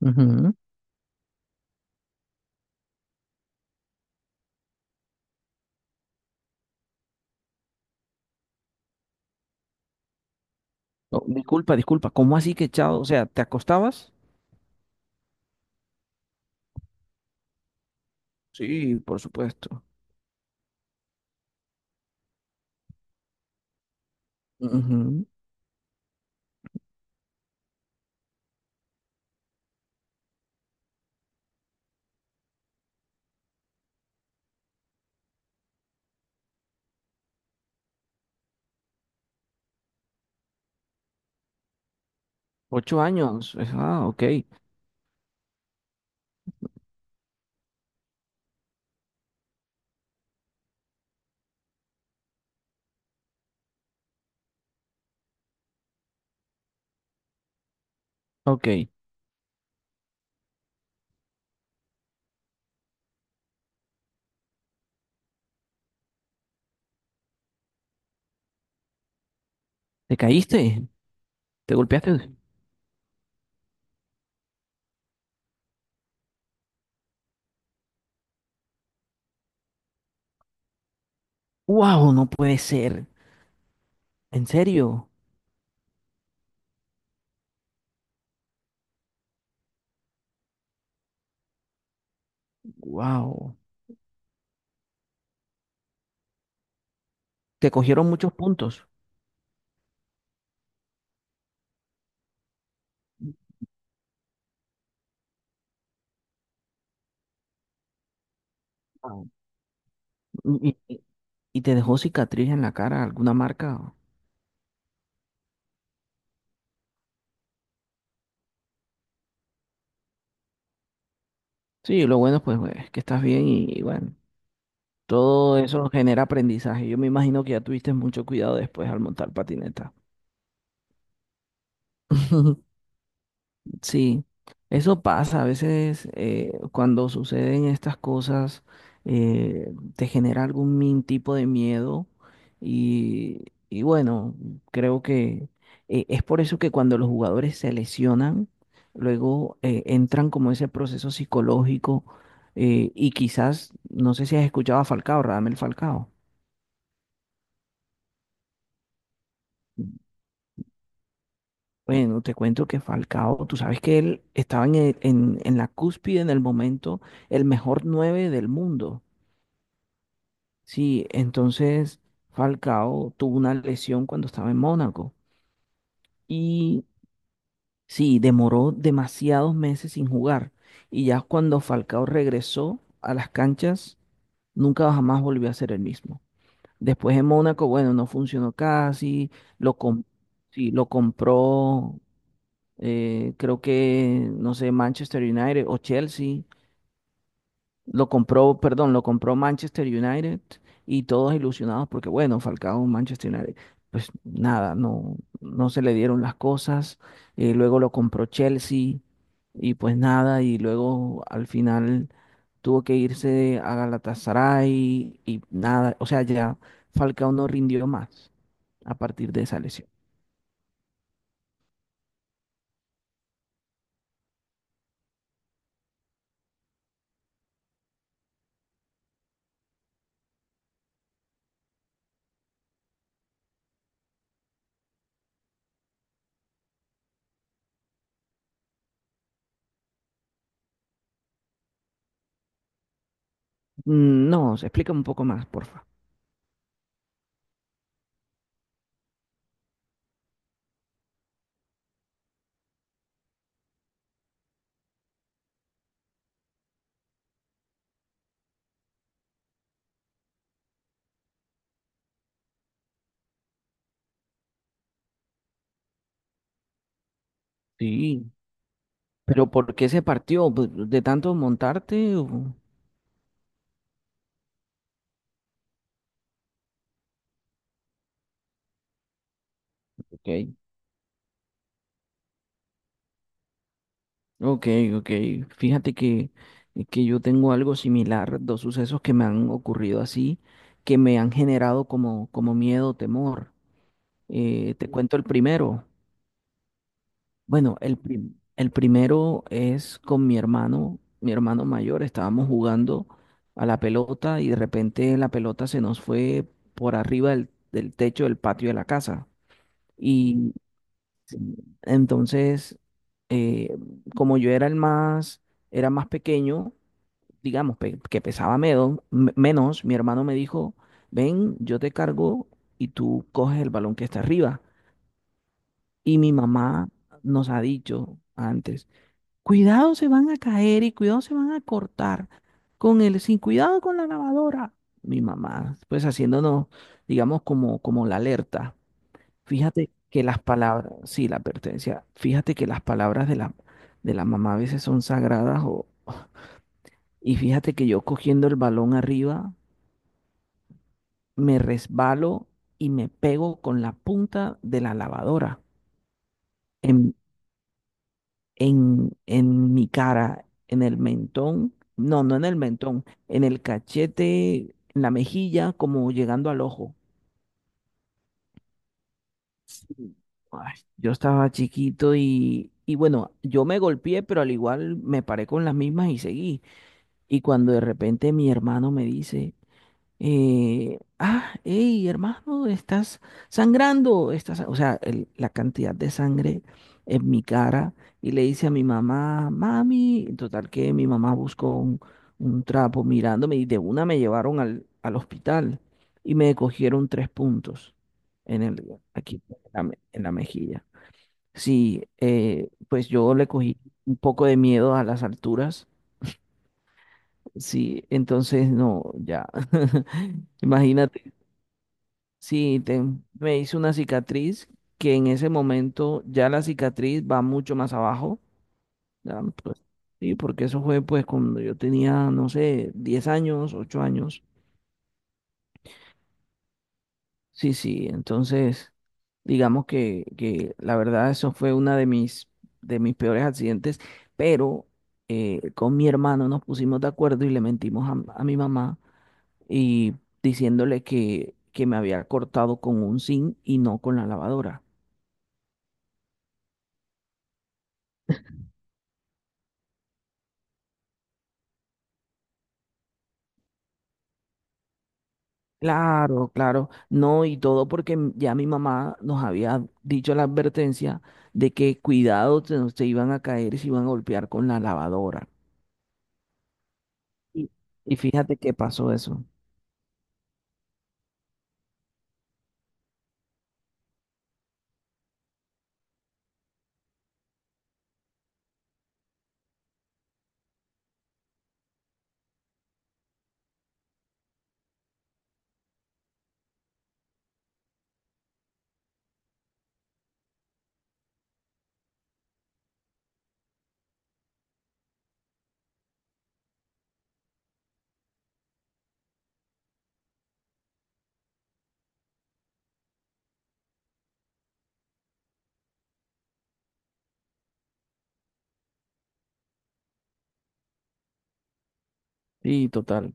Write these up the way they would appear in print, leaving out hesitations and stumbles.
Ujú. No, disculpa, disculpa. ¿Cómo así que echado? O sea, ¿te acostabas? Sí, por supuesto. Ujú. Ocho años. Ah, ok. Ok. ¿Te caíste? ¿Te golpeaste? ¡Wow! No puede ser. ¿En serio? ¡Wow! ¿Te cogieron muchos puntos? Guau. ¿Y, y- y te dejó cicatriz en la cara, alguna marca? Sí, lo bueno pues es que estás bien y bueno, todo eso genera aprendizaje. Yo me imagino que ya tuviste mucho cuidado después al montar patineta. Sí, eso pasa. A veces cuando suceden estas cosas, te genera algún tipo de miedo y, bueno, creo que es por eso que cuando los jugadores se lesionan, luego entran como ese proceso psicológico, y quizás, no sé si has escuchado a Falcao, Radamel Falcao. Bueno, te cuento que Falcao, tú sabes que él estaba en la cúspide en el momento, el mejor 9 del mundo. Sí, entonces Falcao tuvo una lesión cuando estaba en Mónaco y sí, demoró demasiados meses sin jugar. Y ya cuando Falcao regresó a las canchas, nunca jamás volvió a ser el mismo. Después en Mónaco, bueno, no funcionó casi, lo, com- sí, lo compró... Creo que, no sé, Manchester United o Chelsea. Lo compró, perdón, lo compró Manchester United y todos ilusionados porque, bueno, Falcao, Manchester United. Pues nada, no, no se le dieron las cosas. Luego lo compró Chelsea y pues nada, y luego al final tuvo que irse a Galatasaray y nada. O sea, ya Falcao no rindió más a partir de esa lesión. Mm, no, se explica un poco más, porfa. Sí. ¿Pero por qué se partió? Pues, De tanto montarte? Ok, ok, ok. Fíjate que yo tengo algo similar, dos sucesos que me han ocurrido así, que me han generado como miedo, temor. Te cuento el primero. Bueno, el primero es con mi hermano mayor. Estábamos jugando a la pelota y de repente la pelota se nos fue por arriba del techo del patio de la casa. Entonces, eh, como yo era el más, era más pequeño, digamos, que pesaba menos, mi hermano me dijo, ven, yo te cargo y tú coges el balón que está arriba. Y mi mamá nos ha dicho antes, cuidado se van a caer y cuidado se van a cortar sin cuidado con la lavadora. Mi mamá, pues haciéndonos, digamos, como la alerta. Fíjate que las palabras, sí, la pertenencia. Fíjate que las palabras de la mamá a veces son sagradas, o... y fíjate que yo cogiendo el balón arriba me resbalo y me pego con la punta de la lavadora en, en mi cara, en el mentón, no, no en el mentón, en el cachete, en la mejilla, como llegando al ojo. Ay, yo estaba chiquito y, bueno, yo me golpeé, pero al igual me paré con las mismas y seguí. Y cuando de repente mi hermano me dice, hey, hermano, estás sangrando, estás, o sea, la cantidad de sangre en mi cara, y le dice a mi mamá, mami, en total que mi mamá buscó un trapo mirándome y de una me llevaron al hospital y me cogieron tres puntos en el, aquí, en la, me- en la mejilla. Sí, pues yo le cogí un poco de miedo a las alturas. Sí, entonces no, ya. Imagínate, sí, me hice una cicatriz que en ese momento ya la cicatriz va mucho más abajo. Ya, pues, sí, porque eso fue pues cuando yo tenía, no sé, 10 años, 8 años. Sí, sí, entonces digamos que la verdad eso fue una de mis peores accidentes, pero con mi hermano nos pusimos de acuerdo y le mentimos a mi mamá y diciéndole que me había cortado con un zinc y no con la lavadora. Claro, claro, no, y todo porque ya mi mamá nos había dicho la advertencia de que cuidado, se, se iban a caer y se iban a golpear con la lavadora. Y, y fíjate qué pasó eso. Sí, total,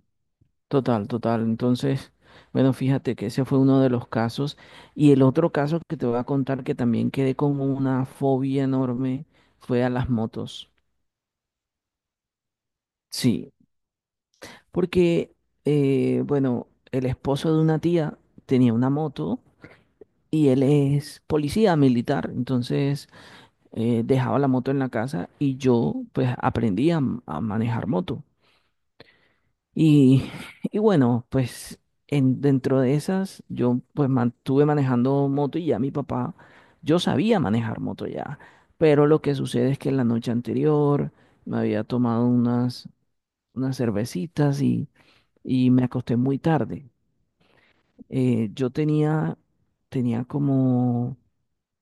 total, total. Entonces, bueno, fíjate que ese fue uno de los casos. Y el otro caso que te voy a contar, que también quedé con una fobia enorme, fue a las motos. Sí, porque, bueno, el esposo de una tía tenía una moto y él es policía militar, entonces dejaba la moto en la casa y yo pues aprendí a manejar moto. Y, y bueno, pues dentro de esas yo pues mantuve manejando moto y ya mi papá, yo sabía manejar moto ya, pero lo que sucede es que la noche anterior me había tomado unas cervecitas y, me acosté muy tarde. Yo tenía como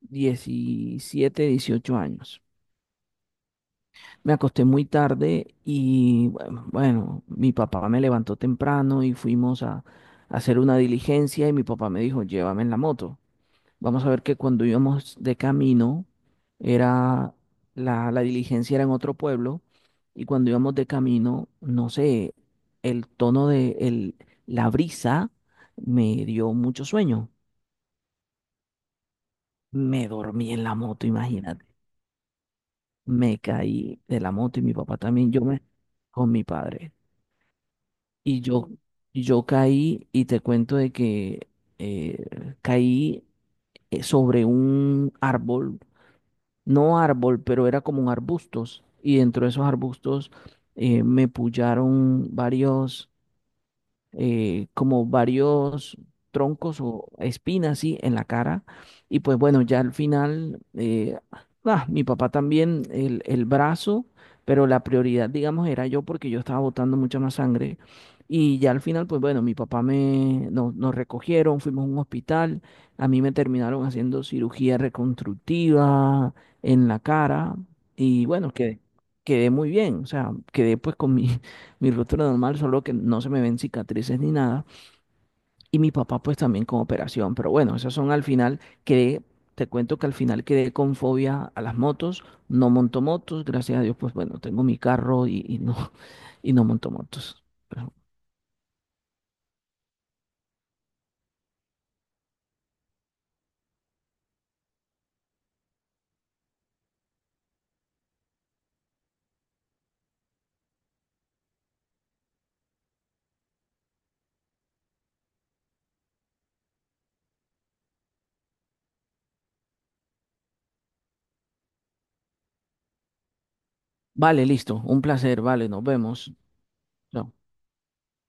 17 18 años. Me acosté muy tarde y bueno, mi papá me levantó temprano y fuimos a hacer una diligencia y mi papá me dijo, llévame en la moto. Vamos a ver, que cuando íbamos de camino, era la diligencia era en otro pueblo y cuando íbamos de camino, no sé, el tono de la brisa me dio mucho sueño. Me dormí en la moto, imagínate. Me caí de la moto y mi papá también. Yo me... con mi padre. Y yo, caí y te cuento de que caí, sobre un árbol, no árbol, pero era como un arbustos. Y dentro de esos arbustos, me pullaron varios como varios troncos o espinas, sí, en la cara. Y pues bueno, ya al final, mi papá también, el brazo, pero la prioridad, digamos, era yo porque yo estaba botando mucha más sangre. Y ya al final, pues bueno, mi papá nos recogieron, fuimos a un hospital, a mí me terminaron haciendo cirugía reconstructiva en la cara y bueno, quedé muy bien, o sea, quedé pues con mi ruptura normal, solo que no se me ven cicatrices ni nada. Y mi papá pues también con operación. Pero bueno, esas son al final, te cuento que al final quedé con fobia a las motos, no monto motos, gracias a Dios, pues bueno, tengo mi carro y, y no monto motos. Vale, listo, un placer, vale, nos vemos. Chao.